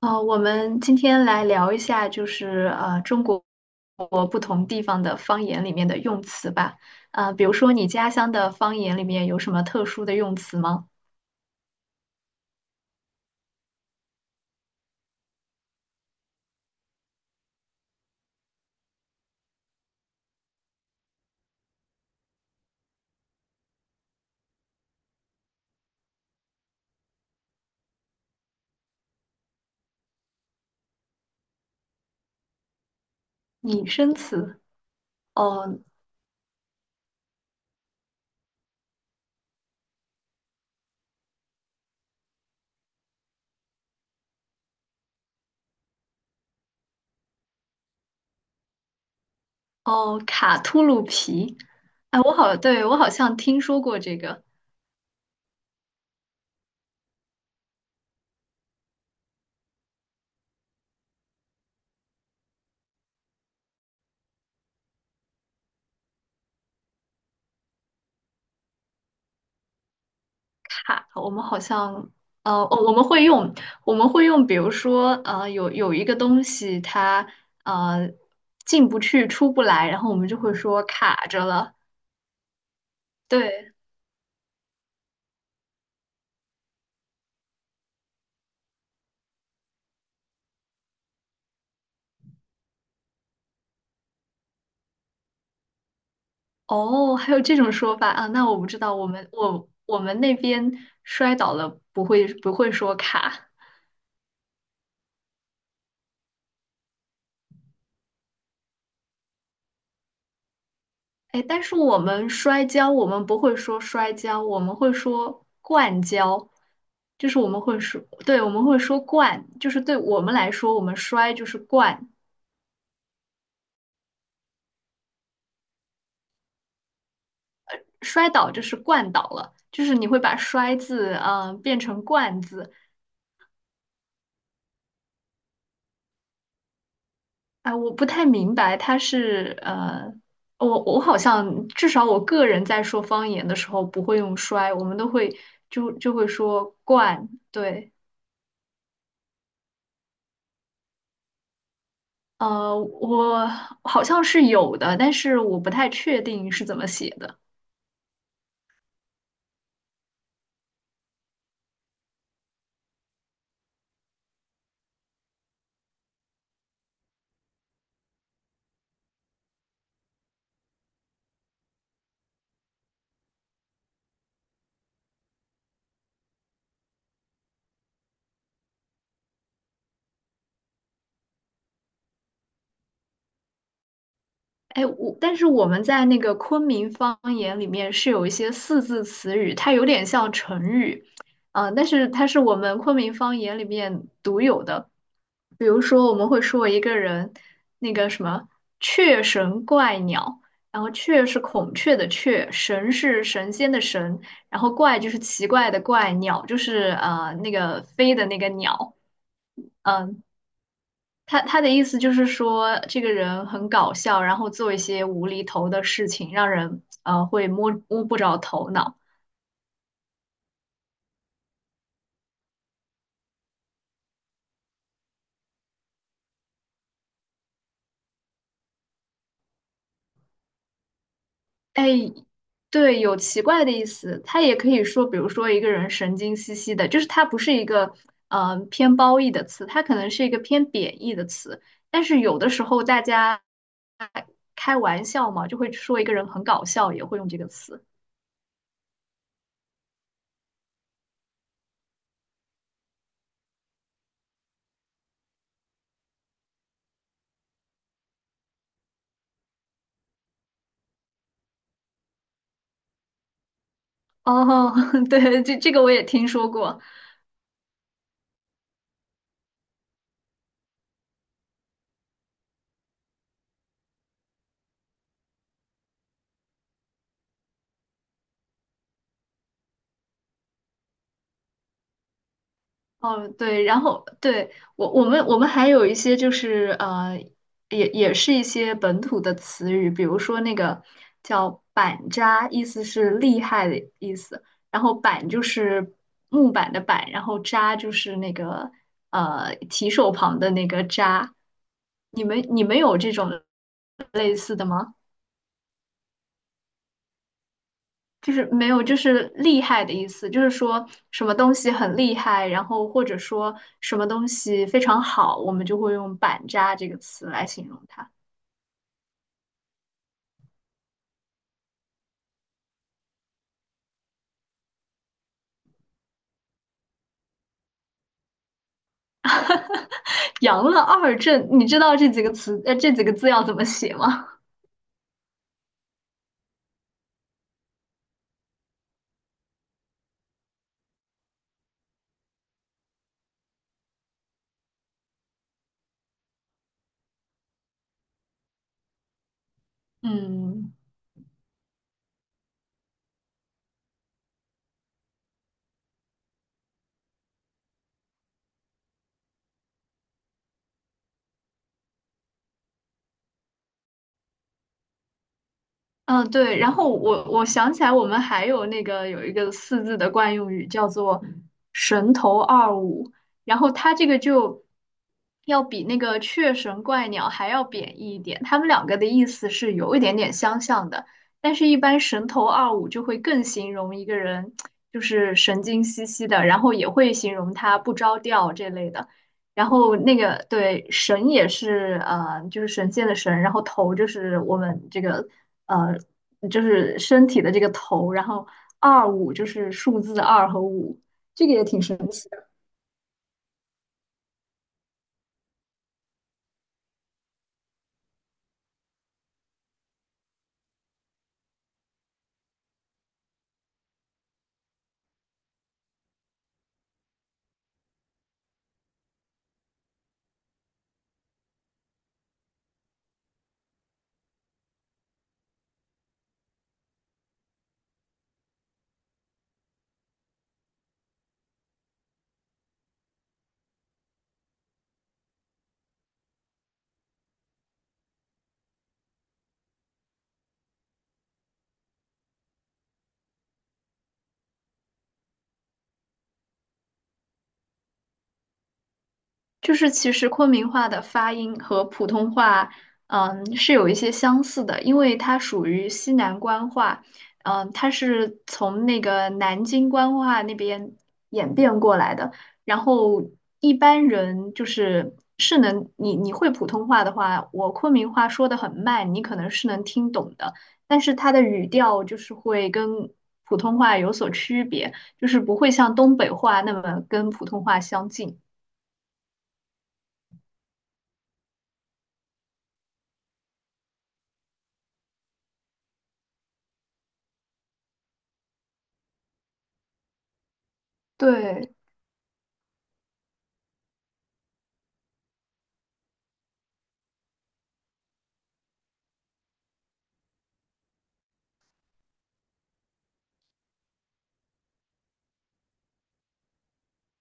我们今天来聊一下，就是中国不同地方的方言里面的用词吧。啊，比如说你家乡的方言里面有什么特殊的用词吗？拟声词？哦哦，卡秃噜皮。哎，对，我好像听说过这个卡，我们好像。呃，哦，我们会用，我们会用，比如说，有一个东西它呃进不去、出不来，然后我们就会说卡着了。对，哦，还有这种说法啊？那我不知道，我们那边摔倒了不会说卡，哎，但是我们摔跤，我们不会说摔跤，我们会说灌跤，就是我们会说，对，我们会说灌，就是对我们来说，我们摔就是灌，摔倒就是灌倒了，就是你会把摔字变成灌字，啊，我不太明白，我好像至少我个人在说方言的时候不会用摔，我们都会就会说惯，对，我好像是有的，但是我不太确定是怎么写的。哎，我但是我们在那个昆明方言里面是有一些四字词语，它有点像成语，但是它是我们昆明方言里面独有的。比如说，我们会说一个人那个什么“雀神怪鸟”，然后“雀”是孔雀的“雀”，“神”是神仙的“神”，然后“怪”就是奇怪的“怪”，“鸟”就是那个飞的那个鸟，嗯、他的意思就是说，这个人很搞笑，然后做一些无厘头的事情，让人会摸不着头脑。哎，对，有奇怪的意思。他也可以说，比如说一个人神经兮兮的，就是它不是一个偏褒义的词，它可能是一个偏贬义的词。但是有的时候大家开玩笑嘛，就会说一个人很搞笑，也会用这个词。哦，对，这个我也听说过。哦，对，然后我们还有一些就是也是一些本土的词语，比如说那个叫板扎，意思是厉害的意思，然后板就是木板的板，然后扎就是那个提手旁的那个扎，你们有这种类似的吗？就是没有，就是厉害的意思，就是说什么东西很厉害，然后或者说什么东西非常好，我们就会用“板扎”这个词来形容它。杨乐二正，你知道这几个词，这几个字要怎么写吗？嗯。嗯，对，然后我想起来，我们还有那个有一个四字的惯用语叫做“神头二五”，然后它这个就要比那个“雀神怪鸟”还要贬义一点，它们两个的意思是有一点点相像的，但是一般“神头二五”就会更形容一个人就是神经兮兮的，然后也会形容他不着调这类的。然后神也是就是神仙的神，然后头就是我们这个呃，就是身体的这个头，然后二五就是数字二和五，这个也挺神奇。就是其实昆明话的发音和普通话，嗯，是有一些相似的，因为它属于西南官话，嗯，它是从那个南京官话那边演变过来的。然后一般人就是是能，你会普通话的话，我昆明话说的很慢，你可能是能听懂的，但是它的语调就是会跟普通话有所区别，就是不会像东北话那么跟普通话相近。对。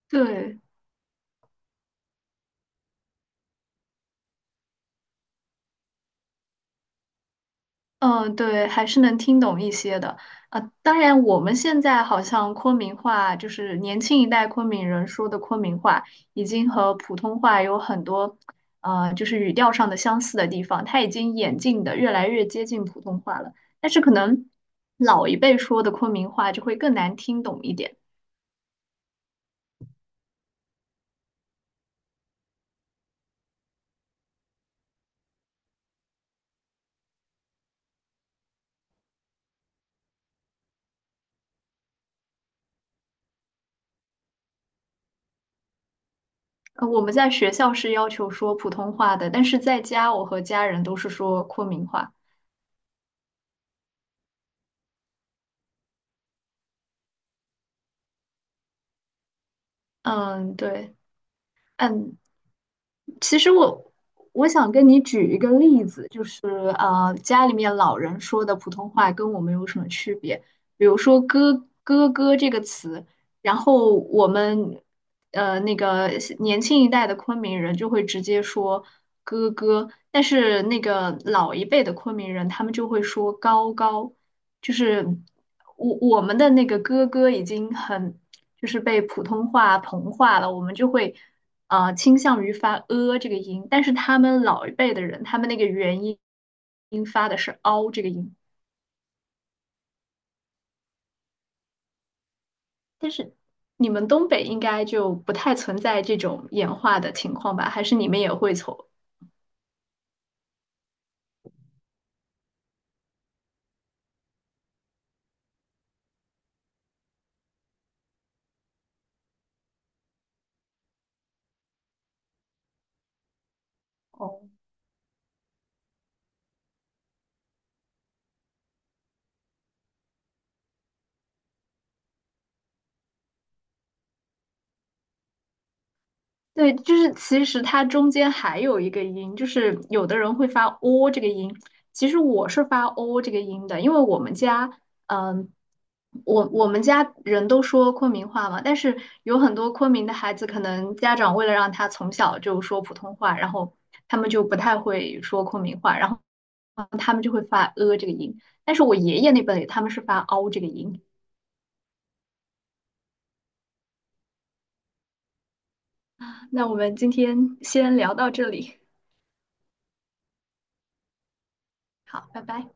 对，嗯，对，还是能听懂一些的啊。当然，我们现在好像昆明话，就是年轻一代昆明人说的昆明话，已经和普通话有很多，就是语调上的相似的地方，它已经演进的越来越接近普通话了。但是可能老一辈说的昆明话就会更难听懂一点。呃，我们在学校是要求说普通话的，但是在家我和家人都是说昆明话。嗯，对，嗯，其实我想跟你举一个例子，就是家里面老人说的普通话跟我们有什么区别？比如说“哥哥”这个词，然后我们呃那个年轻一代的昆明人就会直接说“哥哥”，但是那个老一辈的昆明人他们就会说“高高”，就是我们的那个“哥哥”已经很就是被普通话同化了，我们就会。倾向于发呃这个音，但是他们老一辈的人，他们那个音发的是凹这个音，但是你们东北应该就不太存在这种演化的情况吧？还是你们也会从？哦对，就是其实它中间还有一个音，就是有的人会发 o 这个音，其实我是发 o 这个音的，因为我们家，嗯，我们家人都说昆明话嘛，但是有很多昆明的孩子，可能家长为了让他从小就说普通话，然后他们就不太会说昆明话，然后他们就会发呃这个音，但是我爷爷那辈他们是发 o 这个音。那我们今天先聊到这里，好，拜拜。